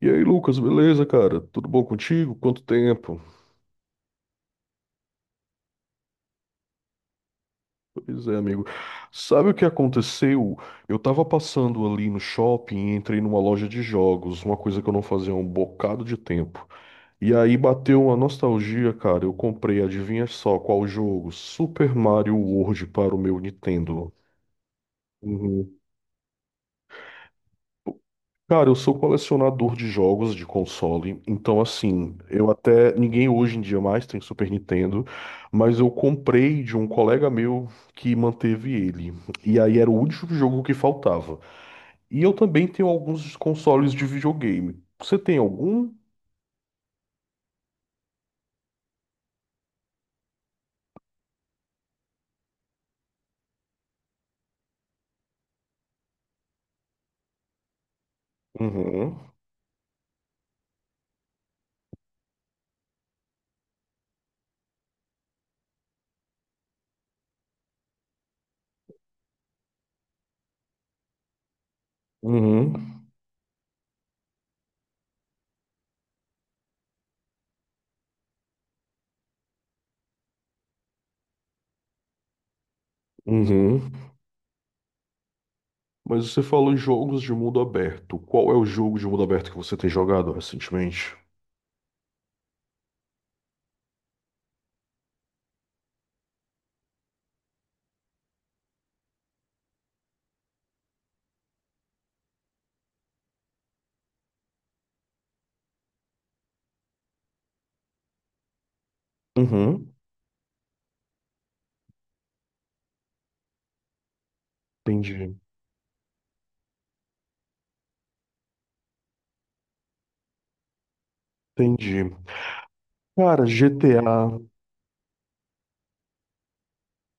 E aí, Lucas, beleza, cara? Tudo bom contigo? Quanto tempo? Pois é, amigo. Sabe o que aconteceu? Eu tava passando ali no shopping e entrei numa loja de jogos, uma coisa que eu não fazia há um bocado de tempo. E aí bateu uma nostalgia, cara. Eu comprei, adivinha só qual jogo? Super Mario World para o meu Nintendo. Uhum. Cara, eu sou colecionador de jogos de console, então assim, eu até, ninguém hoje em dia mais tem Super Nintendo, mas eu comprei de um colega meu que manteve ele. E aí era o último jogo que faltava. E eu também tenho alguns consoles de videogame. Você tem algum? Uhum. Uhum. Uhum. Mas você falou em jogos de mundo aberto. Qual é o jogo de mundo aberto que você tem jogado recentemente? Uhum. Entendi. Entendi. Cara, GTA.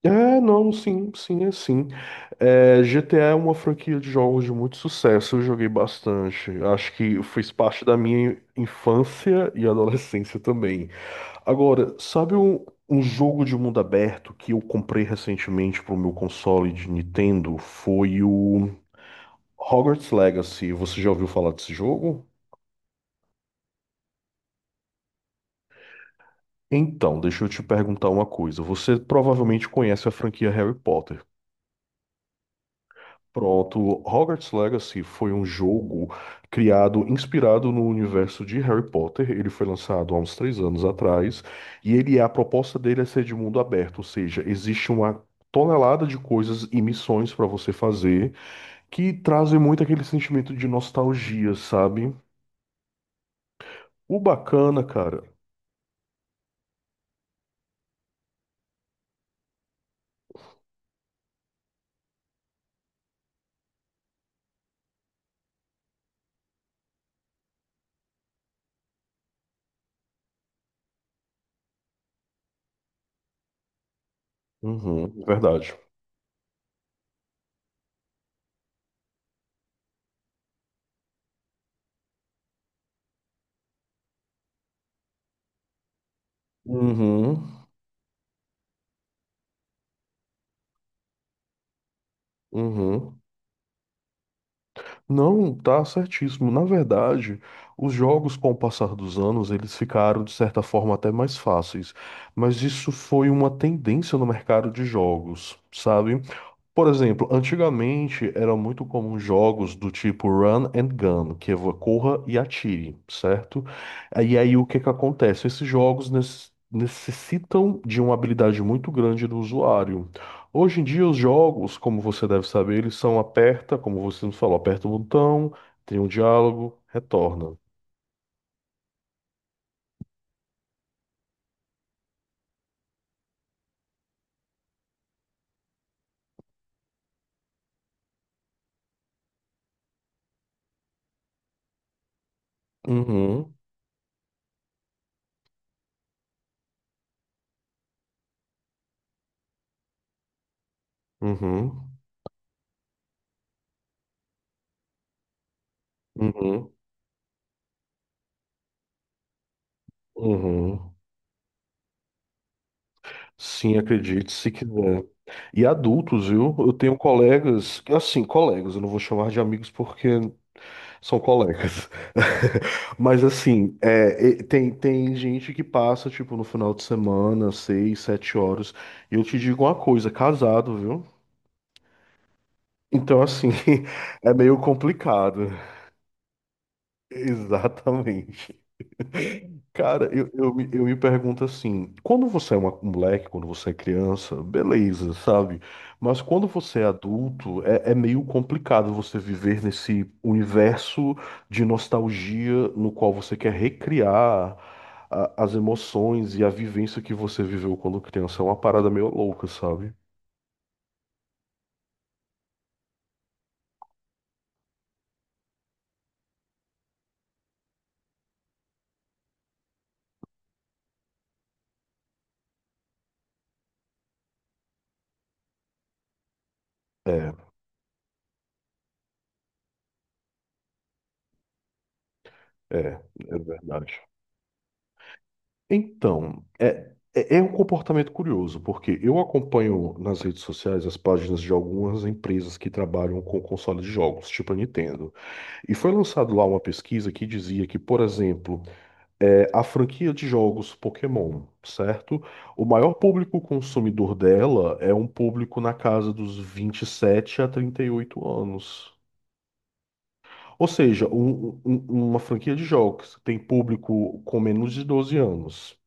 Não, sim, sim. É, GTA é uma franquia de jogos de muito sucesso, eu joguei bastante. Acho que fez parte da minha infância e adolescência também. Agora, sabe um jogo de mundo aberto que eu comprei recentemente para o meu console de Nintendo? Foi o Hogwarts Legacy. Você já ouviu falar desse jogo? Então, deixa eu te perguntar uma coisa. Você provavelmente conhece a franquia Harry Potter. Pronto, Hogwarts Legacy foi um jogo criado, inspirado no universo de Harry Potter. Ele foi lançado há uns três anos atrás e a proposta dele é ser de mundo aberto, ou seja, existe uma tonelada de coisas e missões para você fazer que trazem muito aquele sentimento de nostalgia, sabe? O bacana, cara. Uhum, verdade. Uhum, uhum. Não, tá certíssimo. Na verdade, os jogos, com o passar dos anos, eles ficaram, de certa forma, até mais fáceis. Mas isso foi uma tendência no mercado de jogos, sabe? Por exemplo, antigamente era muito comum jogos do tipo Run and Gun, que é corra e atire, certo? E aí o que que acontece? Esses jogos necessitam de uma habilidade muito grande do usuário. Hoje em dia os jogos, como você deve saber, eles são aperta, como você nos falou, aperta o botão, tem um diálogo, retorna. Uhum, uhum, uhum, uhum. Sim, acredite, se quiser. E adultos, viu? Eu tenho colegas, assim, colegas, eu não vou chamar de amigos porque são colegas. Mas assim, tem, tem gente que passa, tipo, no final de semana, seis, sete horas. E eu te digo uma coisa, casado, viu? Então, assim, é meio complicado. Exatamente. Cara, eu me pergunto assim, quando você é um moleque, quando você é criança, beleza, sabe? Mas quando você é adulto, é meio complicado você viver nesse universo de nostalgia no qual você quer recriar as emoções e a vivência que você viveu quando criança. É uma parada meio louca, sabe? É, é, é verdade. Então, é um comportamento curioso, porque eu acompanho nas redes sociais as páginas de algumas empresas que trabalham com console de jogos, tipo a Nintendo. E foi lançado lá uma pesquisa que dizia que, por exemplo, a franquia de jogos Pokémon, certo? O maior público consumidor dela é um público na casa dos 27 a 38 anos. Ou seja, uma franquia de jogos que tem público com menos de 12 anos.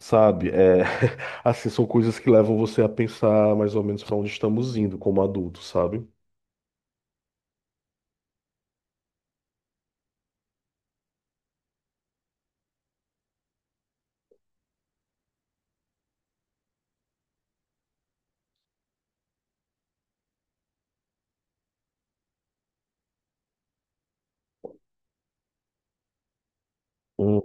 Sabe? É, assim, são coisas que levam você a pensar mais ou menos para onde estamos indo como adultos, sabe? Hum.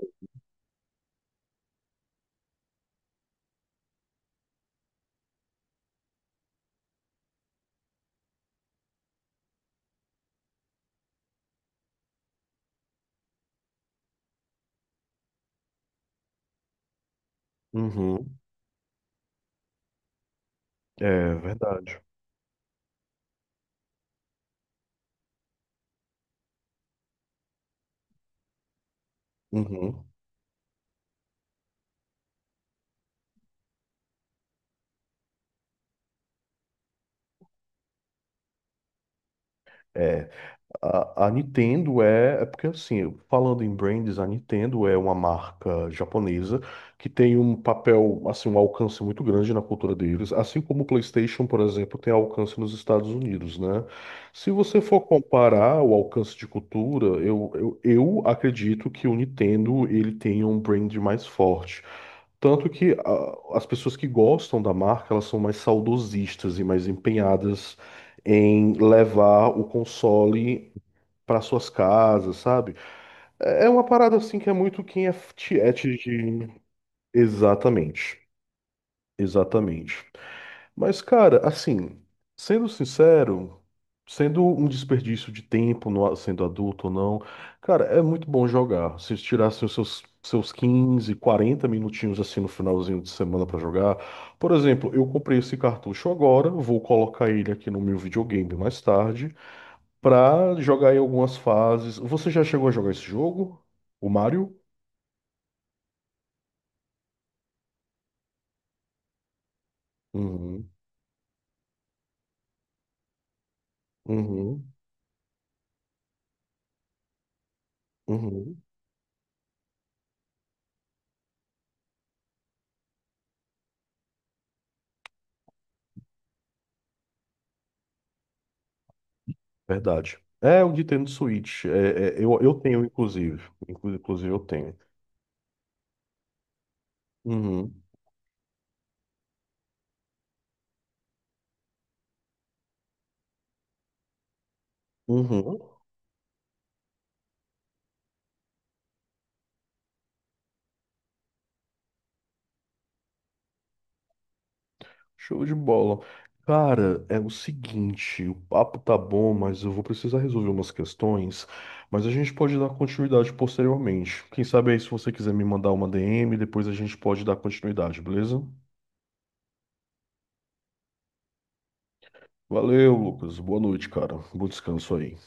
Uhum. É verdade. Uhum. É, a Nintendo é porque assim, falando em brands, a Nintendo é uma marca japonesa que tem um papel, assim, um alcance muito grande na cultura deles, assim como o PlayStation, por exemplo, tem alcance nos Estados Unidos, né? Se você for comparar o alcance de cultura, eu acredito que o Nintendo ele tenha um brand mais forte. Tanto que as pessoas que gostam da marca, elas são mais saudosistas e mais empenhadas em levar o console para suas casas, sabe? É uma parada assim que é muito quem é tiete de. Exatamente, exatamente. Mas, cara, assim, sendo sincero, sendo um desperdício de tempo, sendo adulto ou não, cara, é muito bom jogar. Se tirassem os seus 15, 40 minutinhos assim no finalzinho de semana pra jogar. Por exemplo, eu comprei esse cartucho agora, vou colocar ele aqui no meu videogame mais tarde pra jogar em algumas fases. Você já chegou a jogar esse jogo? O Mario? Uhum, uhum, uhum. Verdade. É o Nintendo Switch. Eu tenho, inclusive. Inclusive, eu tenho. Uhum, uhum. Show de bola. Cara, é o seguinte, o papo tá bom, mas eu vou precisar resolver umas questões, mas a gente pode dar continuidade posteriormente. Quem sabe aí, se você quiser me mandar uma DM, depois a gente pode dar continuidade, beleza? Valeu, Lucas. Boa noite, cara. Bom descanso aí.